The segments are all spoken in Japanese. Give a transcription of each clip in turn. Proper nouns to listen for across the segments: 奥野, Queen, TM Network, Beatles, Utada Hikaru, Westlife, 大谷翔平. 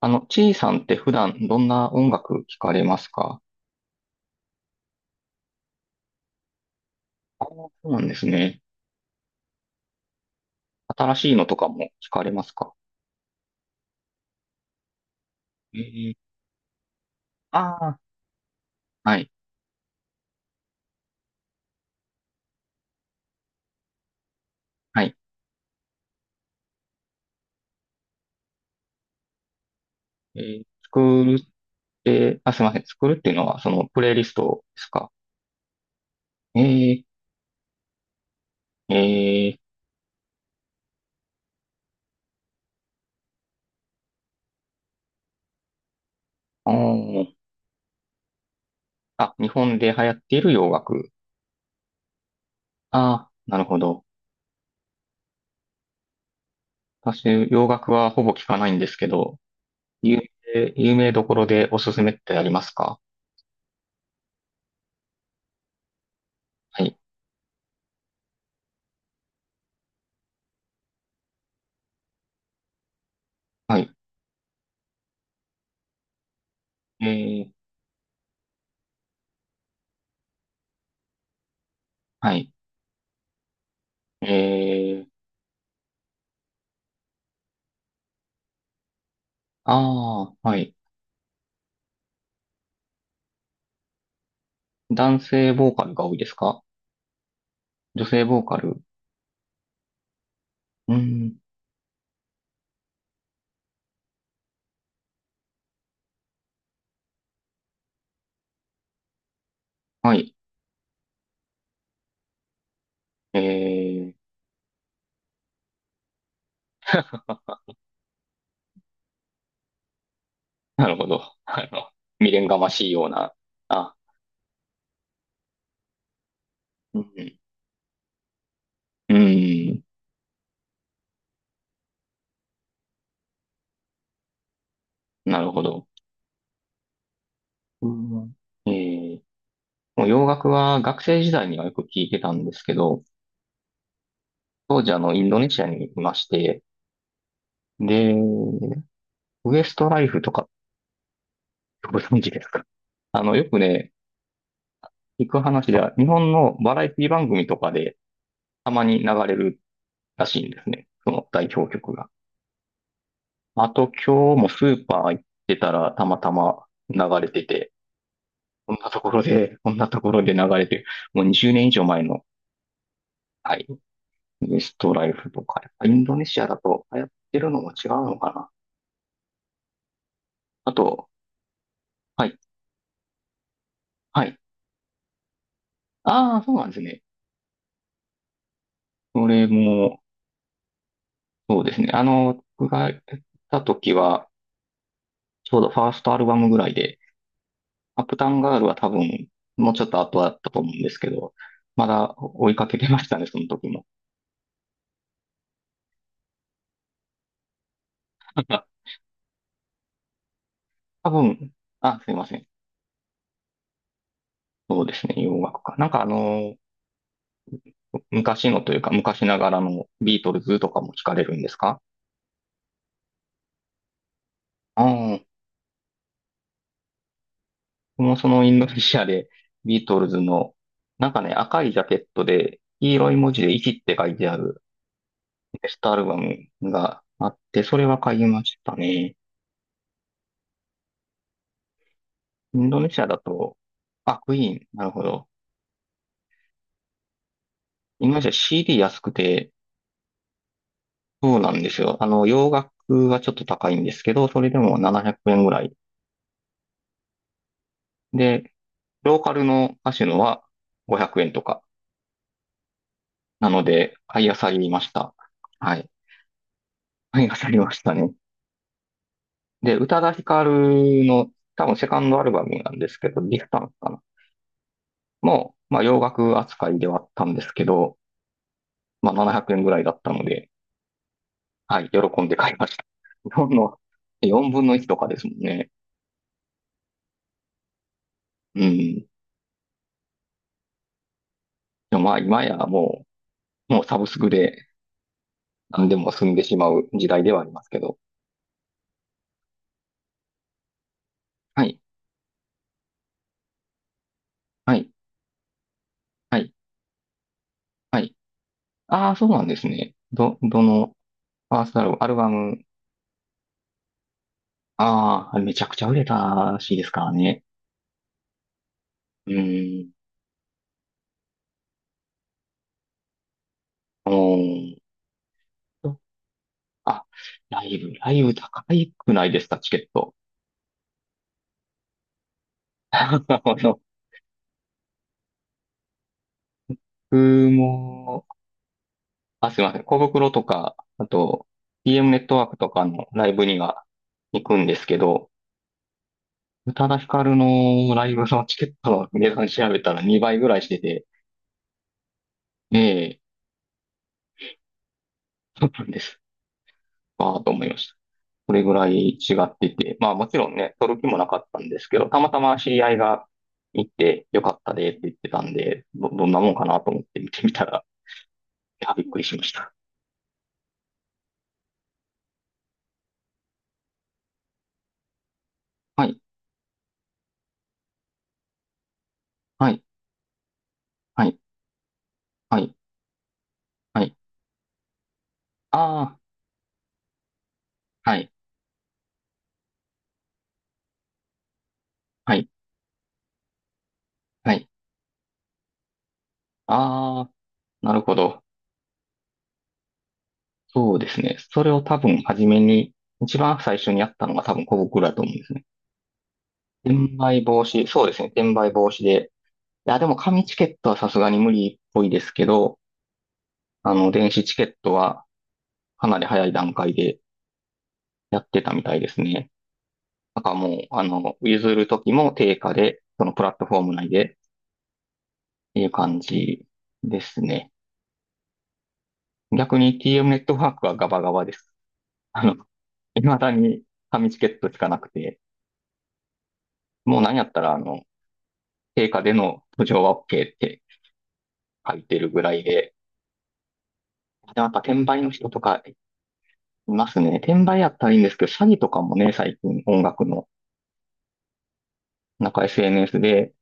ちいさんって普段どんな音楽聞かれますか？あ、そうなんですね。新しいのとかも聞かれますか？ええ。ああ。はい、はい。作るって、あ、すいません。作るっていうのは、その、プレイリストですか？ええ。ええ。あー。あ、日本で流行っている洋楽。ああ、なるほど。私、洋楽はほぼ聞かないんですけど、有有名どころでおすすめってありますか？はい、はい。ええ。はい。え。ああ、はい。男性ボーカルが多いですか？女性ボーカル。うん。はい。えー、なるほど。未練がましいような。あ、うん。うん。なるほど。うん。えー、もう洋楽は学生時代にはよく聞いてたんですけど、当時インドネシアにいまして、で、ウエストライフとかご存知ですか？よくね、聞く話では、日本のバラエティ番組とかでたまに流れるらしいんですね。その代表曲が。まあと今日もスーパー行ってたらたまたま流れてて、こんなところで、こんなところで流れてる、もう20年以上前の、はい、ウエストライフとか、やっぱインドネシアだと流行ってるのも違うのかな。あと、はい、はい。ああ、そうなんですね。これも、そうですね。僕が行った時は、ちょうどファーストアルバムぐらいで、アップタウンガールは多分、もうちょっと後だったと思うんですけど、まだ追いかけてましたね、その時も。あ、多分、あ、すいません。そうですね、洋楽か。なんか昔のというか、昔ながらのビートルズとかも聞かれるんですか？ああー、僕もそのインドネシアでビートルズの、なんかね、赤いジャケットで、黄色い文字で生きって書いてあるベストアルバムがあって、それは買いましたね。インドネシアだと、あ、クイーン、なるほど。インドネシア CD 安くて、そうなんですよ。洋楽はちょっと高いんですけど、それでも700円ぐらい。で、ローカルのカシュノは500円とか。なので、買い漁りました。はい。買い漁りましたね。で、宇多田ヒカルの多分セカンドアルバムなんですけど、ディスタンスかな。もう、まあ洋楽扱いではあったんですけど、まあ700円ぐらいだったので、はい、喜んで買いました。日本の4分の1とかですもんね。うん。でもまあ今やもうサブスクで何でも済んでしまう時代ではありますけど。はい、はい、はい、はい。ああ、そうなんですね。どの、ファーストアルバム、アルバム、ああ、めちゃくちゃ売れたらしいですからね。うーん。おーとあ、ライブ高いくないですか、チケット？あの、僕も、あ、すいません。小袋とか、あと、DM ネットワークとかのライブには行くんですけど、宇多田ヒカルのライブのチケットの値段調べたら2倍ぐらいしてて、ええ、そうなんです。ああ、と思いました。それぐらい違ってて、まあもちろんね、取る気もなかったんですけど、たまたま知り合いが行ってよかったでって言ってたんで、どんなもんかなと思って見てみたら、いや、びっくりしました。はい、はい、はい、はい、はい。ああ、はい、はい、はい。ああ、なるほど。そうですね。それを多分初めに、一番最初にやったのが多分小僕だと思うんですね。転売防止、そうですね。転売防止で。いや、でも紙チケットはさすがに無理っぽいですけど、電子チケットはかなり早い段階でやってたみたいですね。なんかもう、譲るときも定価で、そのプラットフォーム内でっていう感じですね。逆に TM ネットワークはガバガバです。あの、未だに紙チケットしかなくて、もう何やったら、定価での途上は OK って書いてるぐらいで、でもやっぱ転売の人とかいますね。転売やったらいいんですけど、詐欺とかもね、最近音楽の、なんか SNS で、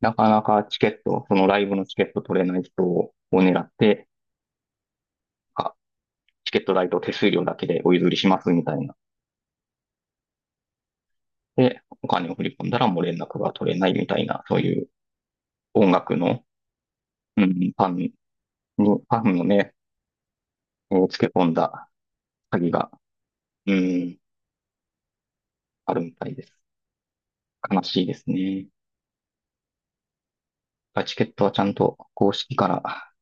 なかなかチケット、そのライブのチケット取れない人を狙って、あ、チケット代と手数料だけでお譲りしますみたいな。で、お金を振り込んだらもう連絡が取れないみたいな、そういう音楽の、うん、ファンに、ファンのね、をつけ込んだ詐欺が、うん、あるみたいです。悲しいですね。チケットはちゃんと公式から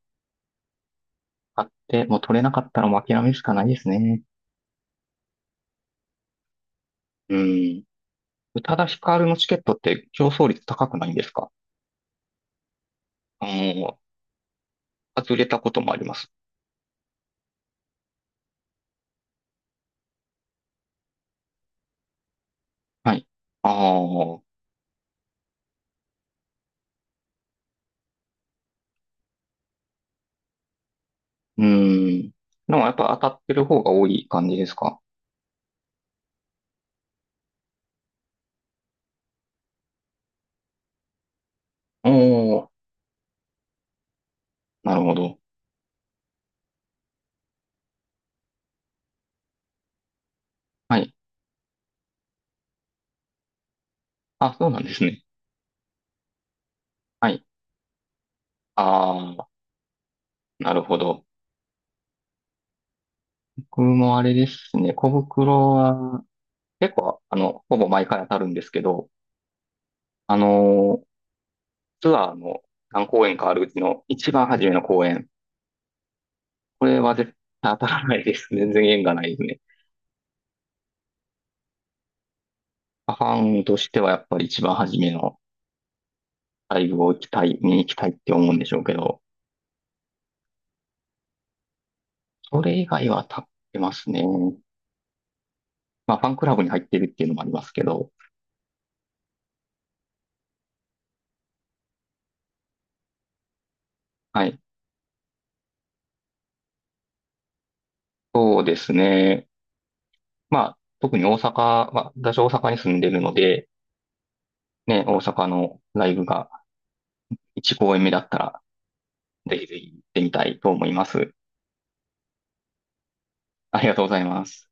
買って、もう取れなかったらもう諦めるしかないですね。うん。宇多田ヒカルのチケットって競争率高くないんですか？あの、外れたこともあります。はい。ああ、うーん。でもやっぱ当たってる方が多い感じですか？おおー、なるほど。はい。あ、そうなんですね。はい。ああ、なるほど。僕もあれですね、小袋は結構、ほぼ毎回当たるんですけど、あのーツアーの何公演かあるうちの一番初めの公演。これは絶対当たらないです。全然縁がないですね。ファンとしてはやっぱり一番初めのライブを行きたい、見に行きたいって思うんでしょうけど、それ以外は立ってますね。まあ、ファンクラブに入ってるっていうのもありますけど、はい。そうですね。まあ、特に大阪、まあ、私大阪に住んでるので、ね、大阪のライブが1公演目だったら、ぜひぜひ行ってみたいと思います。ありがとうございます。